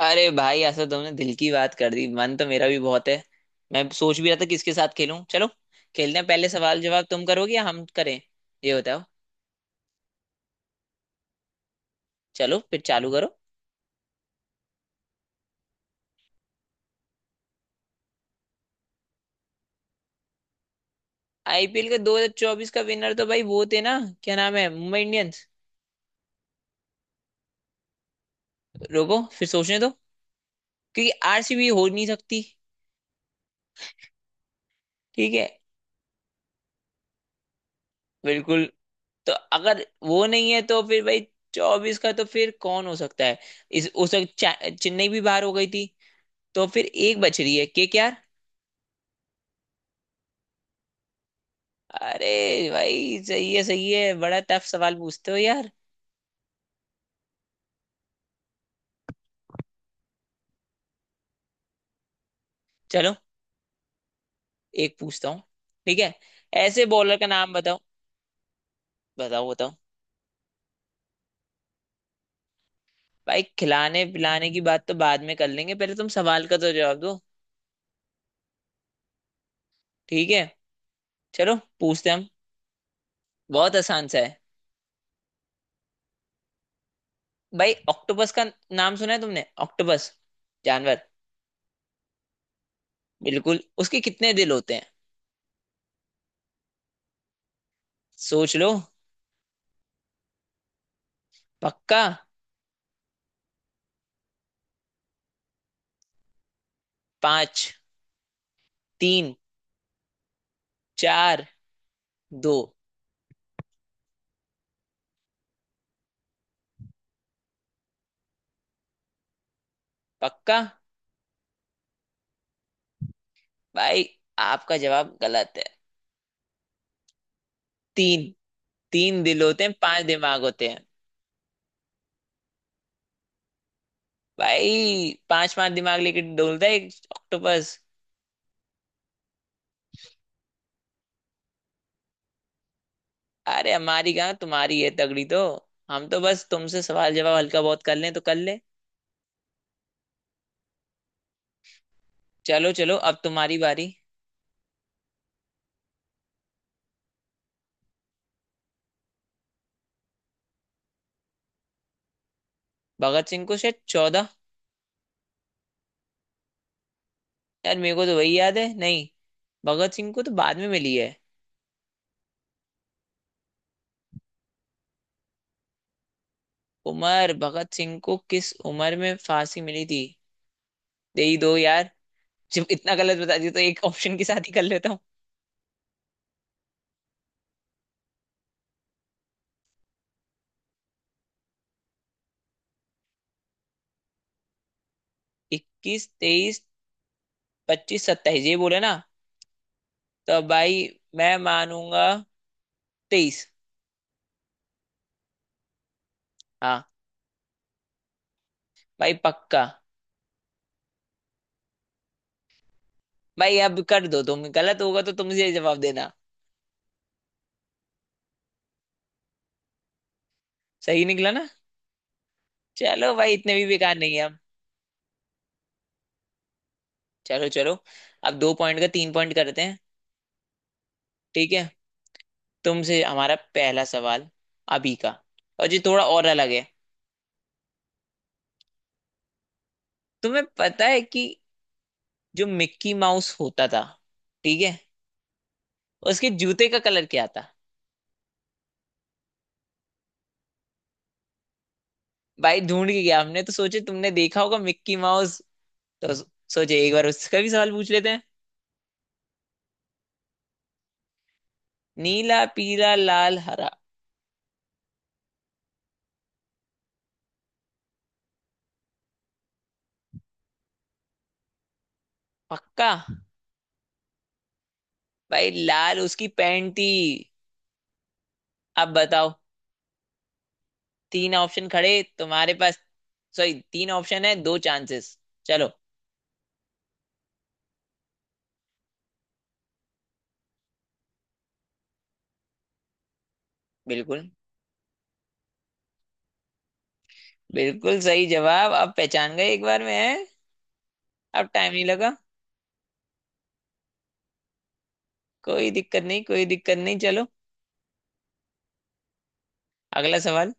अरे भाई ऐसा तुमने दिल की बात कर दी। मन तो मेरा भी बहुत है। मैं सोच भी रहा था किसके साथ खेलूं। चलो खेलते हैं। पहले सवाल जवाब तुम करोगे या हम करें? ये बताओ। चलो फिर चालू करो। आईपीएल के 2024 का विनर तो भाई वो थे ना, क्या नाम है, मुंबई इंडियंस। रुको फिर सोचने दो, क्योंकि आरसीबी हो नहीं सकती। ठीक है। बिल्कुल। तो अगर वो नहीं है तो फिर भाई चौबीस का तो फिर कौन हो सकता है। इस उस वक्त चेन्नई भी बाहर हो गई थी, तो फिर एक बच रही है, के आर। अरे भाई सही है सही है, बड़ा टफ सवाल पूछते हो यार। चलो एक पूछता हूँ। ठीक है, ऐसे बॉलर का नाम बताओ। बताओ बताओ। भाई खिलाने पिलाने की बात तो बाद में कर लेंगे, पहले तुम सवाल का तो जवाब दो। ठीक है, चलो पूछते हैं हम। बहुत आसान सा है। भाई ऑक्टोपस का नाम सुना है तुमने, ऑक्टोपस जानवर। बिल्कुल उसके कितने दिल होते हैं? सोच लो। पक्का। पांच, तीन, चार, दो। पक्का? भाई आपका जवाब गलत है। तीन। तीन दिल होते हैं, पांच दिमाग होते हैं। भाई पांच पांच दिमाग लेके डोलता है एक ऑक्टोपस। अरे हमारी कहाँ, तुम्हारी है तगड़ी तो। हम तो बस तुमसे सवाल जवाब हल्का बहुत कर लें तो कर ले। चलो चलो अब तुम्हारी बारी। भगत सिंह को शायद चौदह। यार मेरे को तो वही याद है नहीं। भगत सिंह को तो बाद में मिली है। उमर भगत सिंह को किस उम्र में फांसी मिली थी? दे ही दो यार। जब इतना गलत बता दिया तो एक ऑप्शन के साथ ही कर लेता हूँ। इक्कीस, तेईस, पच्चीस, सत्ताईस, ये बोले ना। तो भाई मैं मानूंगा तेईस। हाँ। भाई पक्का। भाई अब कर दो, तुम गलत होगा तो तुमसे जवाब देना। सही निकला ना। चलो भाई इतने भी बेकार नहीं है हम। चलो चलो अब दो पॉइंट का तीन पॉइंट करते हैं। ठीक है, तुमसे हमारा पहला सवाल अभी का, और जो थोड़ा और अलग है। तुम्हें पता है कि जो मिक्की माउस होता था, ठीक है, उसके जूते का कलर क्या था? भाई ढूंढ के गया हमने, तो सोचे तुमने देखा होगा मिक्की माउस, तो सोचे एक बार उसका भी सवाल पूछ लेते हैं। नीला, पीला, लाल, हरा। पक्का? भाई लाल उसकी पैंट थी। अब बताओ, तीन ऑप्शन खड़े तुम्हारे पास। सॉरी, तीन ऑप्शन है, दो चांसेस। चलो। बिल्कुल। बिल्कुल सही जवाब, अब पहचान गए एक बार में है। अब टाइम नहीं लगा। कोई दिक्कत नहीं, कोई दिक्कत नहीं। चलो अगला सवाल।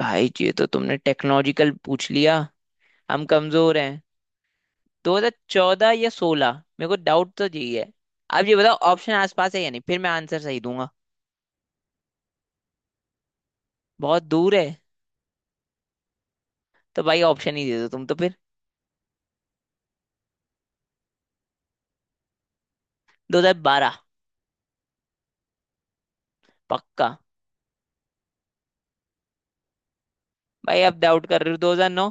भाई ये तो तुमने टेक्नोलॉजिकल पूछ लिया, हम कमजोर हैं। 2014 या 16। मेरे को डाउट तो यही है। अब ये बताओ ऑप्शन आसपास है या नहीं, फिर मैं आंसर सही दूंगा। बहुत दूर है? तो भाई ऑप्शन ही दे दो तुम तो फिर। 2012। पक्का। भाई अब डाउट कर रहे हो? 2009?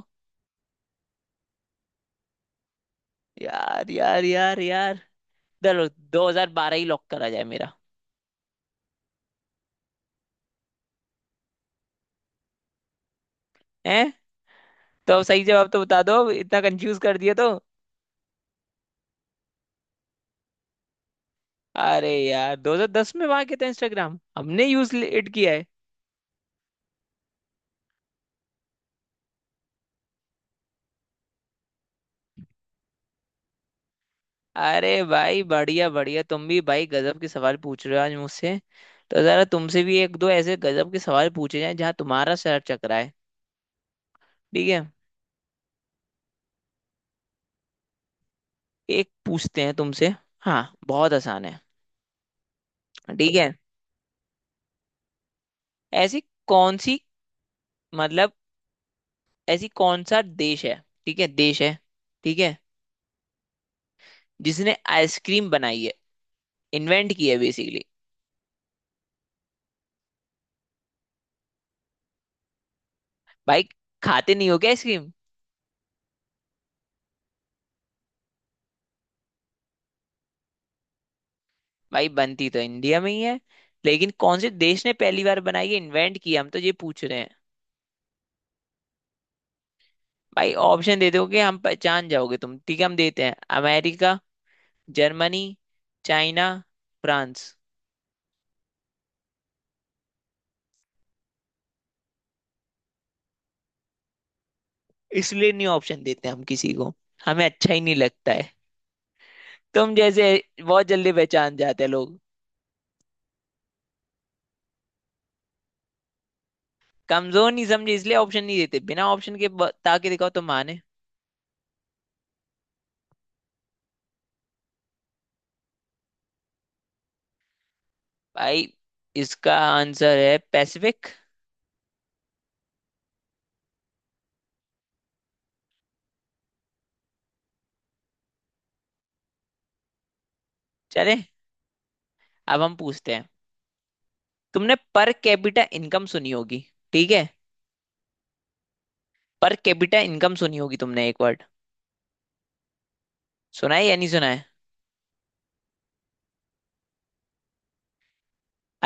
यार यार यार यार। चलो 2012 ही लॉक करा जाए मेरा। है? तो अब सही जवाब तो बता दो, इतना कंफ्यूज कर दिया तो। अरे यार 2010 में वहां के थे इंस्टाग्राम, हमने यूज इट किया है। अरे भाई बढ़िया बढ़िया, तुम भी भाई गजब के सवाल पूछ रहे हो आज मुझसे। तो जरा तुमसे भी एक दो ऐसे गजब के सवाल पूछे जाएं जहां तुम्हारा सर चकराए। ठीक है, एक पूछते हैं तुमसे। हाँ, बहुत आसान है। ठीक है। ऐसी कौन सी, मतलब ऐसी कौन सा देश है, ठीक है, देश है, ठीक है, जिसने आइसक्रीम बनाई है, इन्वेंट की है बेसिकली। भाई खाते नहीं हो क्या आइसक्रीम? भाई बनती तो इंडिया में ही है, लेकिन कौन से देश ने पहली बार बनाई है, इन्वेंट की है, हम तो ये पूछ रहे हैं। भाई ऑप्शन दे दोगे हम, पहचान जाओगे तुम। ठीक है, हम देते हैं। America, Germany, China, France. इसलिए नहीं ऑप्शन देते हम किसी को, हमें अच्छा ही नहीं लगता है। तुम जैसे बहुत जल्दी पहचान जाते हैं लोग। कमजोर नहीं समझे इसलिए ऑप्शन नहीं देते, बिना ऑप्शन के बता के दिखाओ तो माने। भाई इसका आंसर है पैसिफिक। चले अब हम पूछते हैं। तुमने पर कैपिटा इनकम सुनी होगी, ठीक है, पर कैपिटा इनकम सुनी होगी तुमने, एक वर्ड, सुना है या नहीं सुना है?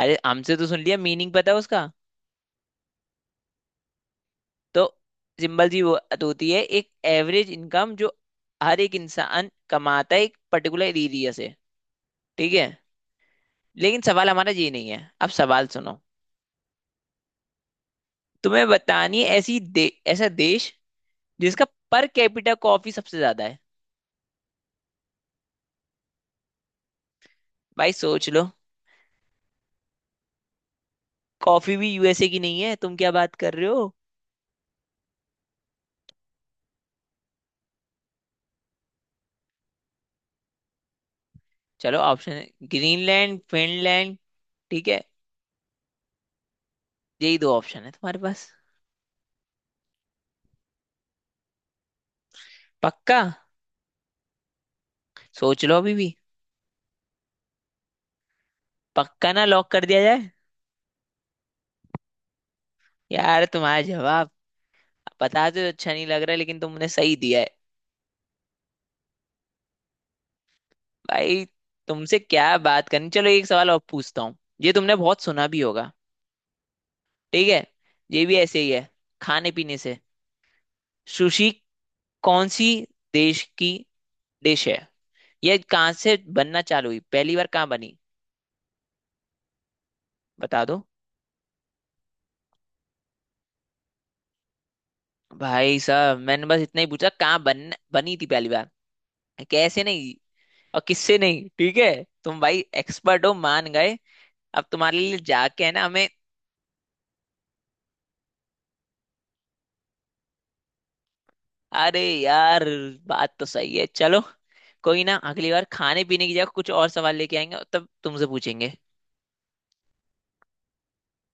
अरे हमसे तो सुन लिया, मीनिंग पता है उसका? तो सिंपल सी बात होती है, एक एवरेज इनकम जो हर एक इंसान कमाता है एक पर्टिकुलर एरिया से, ठीक है। लेकिन सवाल हमारा ये नहीं है, अब सवाल सुनो। तुम्हें बतानी है ऐसा देश जिसका पर कैपिटा कॉफी सबसे ज्यादा है। भाई सोच लो। कॉफी भी यूएसए की नहीं है, तुम क्या बात कर रहे हो। चलो ऑप्शन है, ग्रीनलैंड, फिनलैंड, ठीक है, यही दो ऑप्शन है तुम्हारे पास। पक्का? सोच लो अभी भी। पक्का ना, लॉक कर दिया जाए? यार तुम्हारा जवाब पता तो अच्छा नहीं लग रहा, लेकिन तुमने सही दिया है। भाई तुमसे क्या बात करनी, चलो एक सवाल और पूछता हूँ, ये तुमने बहुत सुना भी होगा। ठीक है, ये भी ऐसे ही है, खाने पीने से। सुशी कौन सी देश की डिश है? ये कहाँ से बनना चालू हुई, पहली बार कहाँ बनी? बता दो। भाई साहब मैंने बस इतना ही पूछा कहाँ बन बनी थी पहली बार। कैसे नहीं और किससे नहीं, ठीक है। तुम भाई एक्सपर्ट हो, मान गए। अब तुम्हारे लिए जाके है ना हमें। अरे यार बात तो सही है। चलो कोई ना, अगली बार खाने पीने की जगह कुछ और सवाल लेके आएंगे और तब तुमसे पूछेंगे।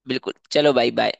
बिल्कुल चलो भाई बाय।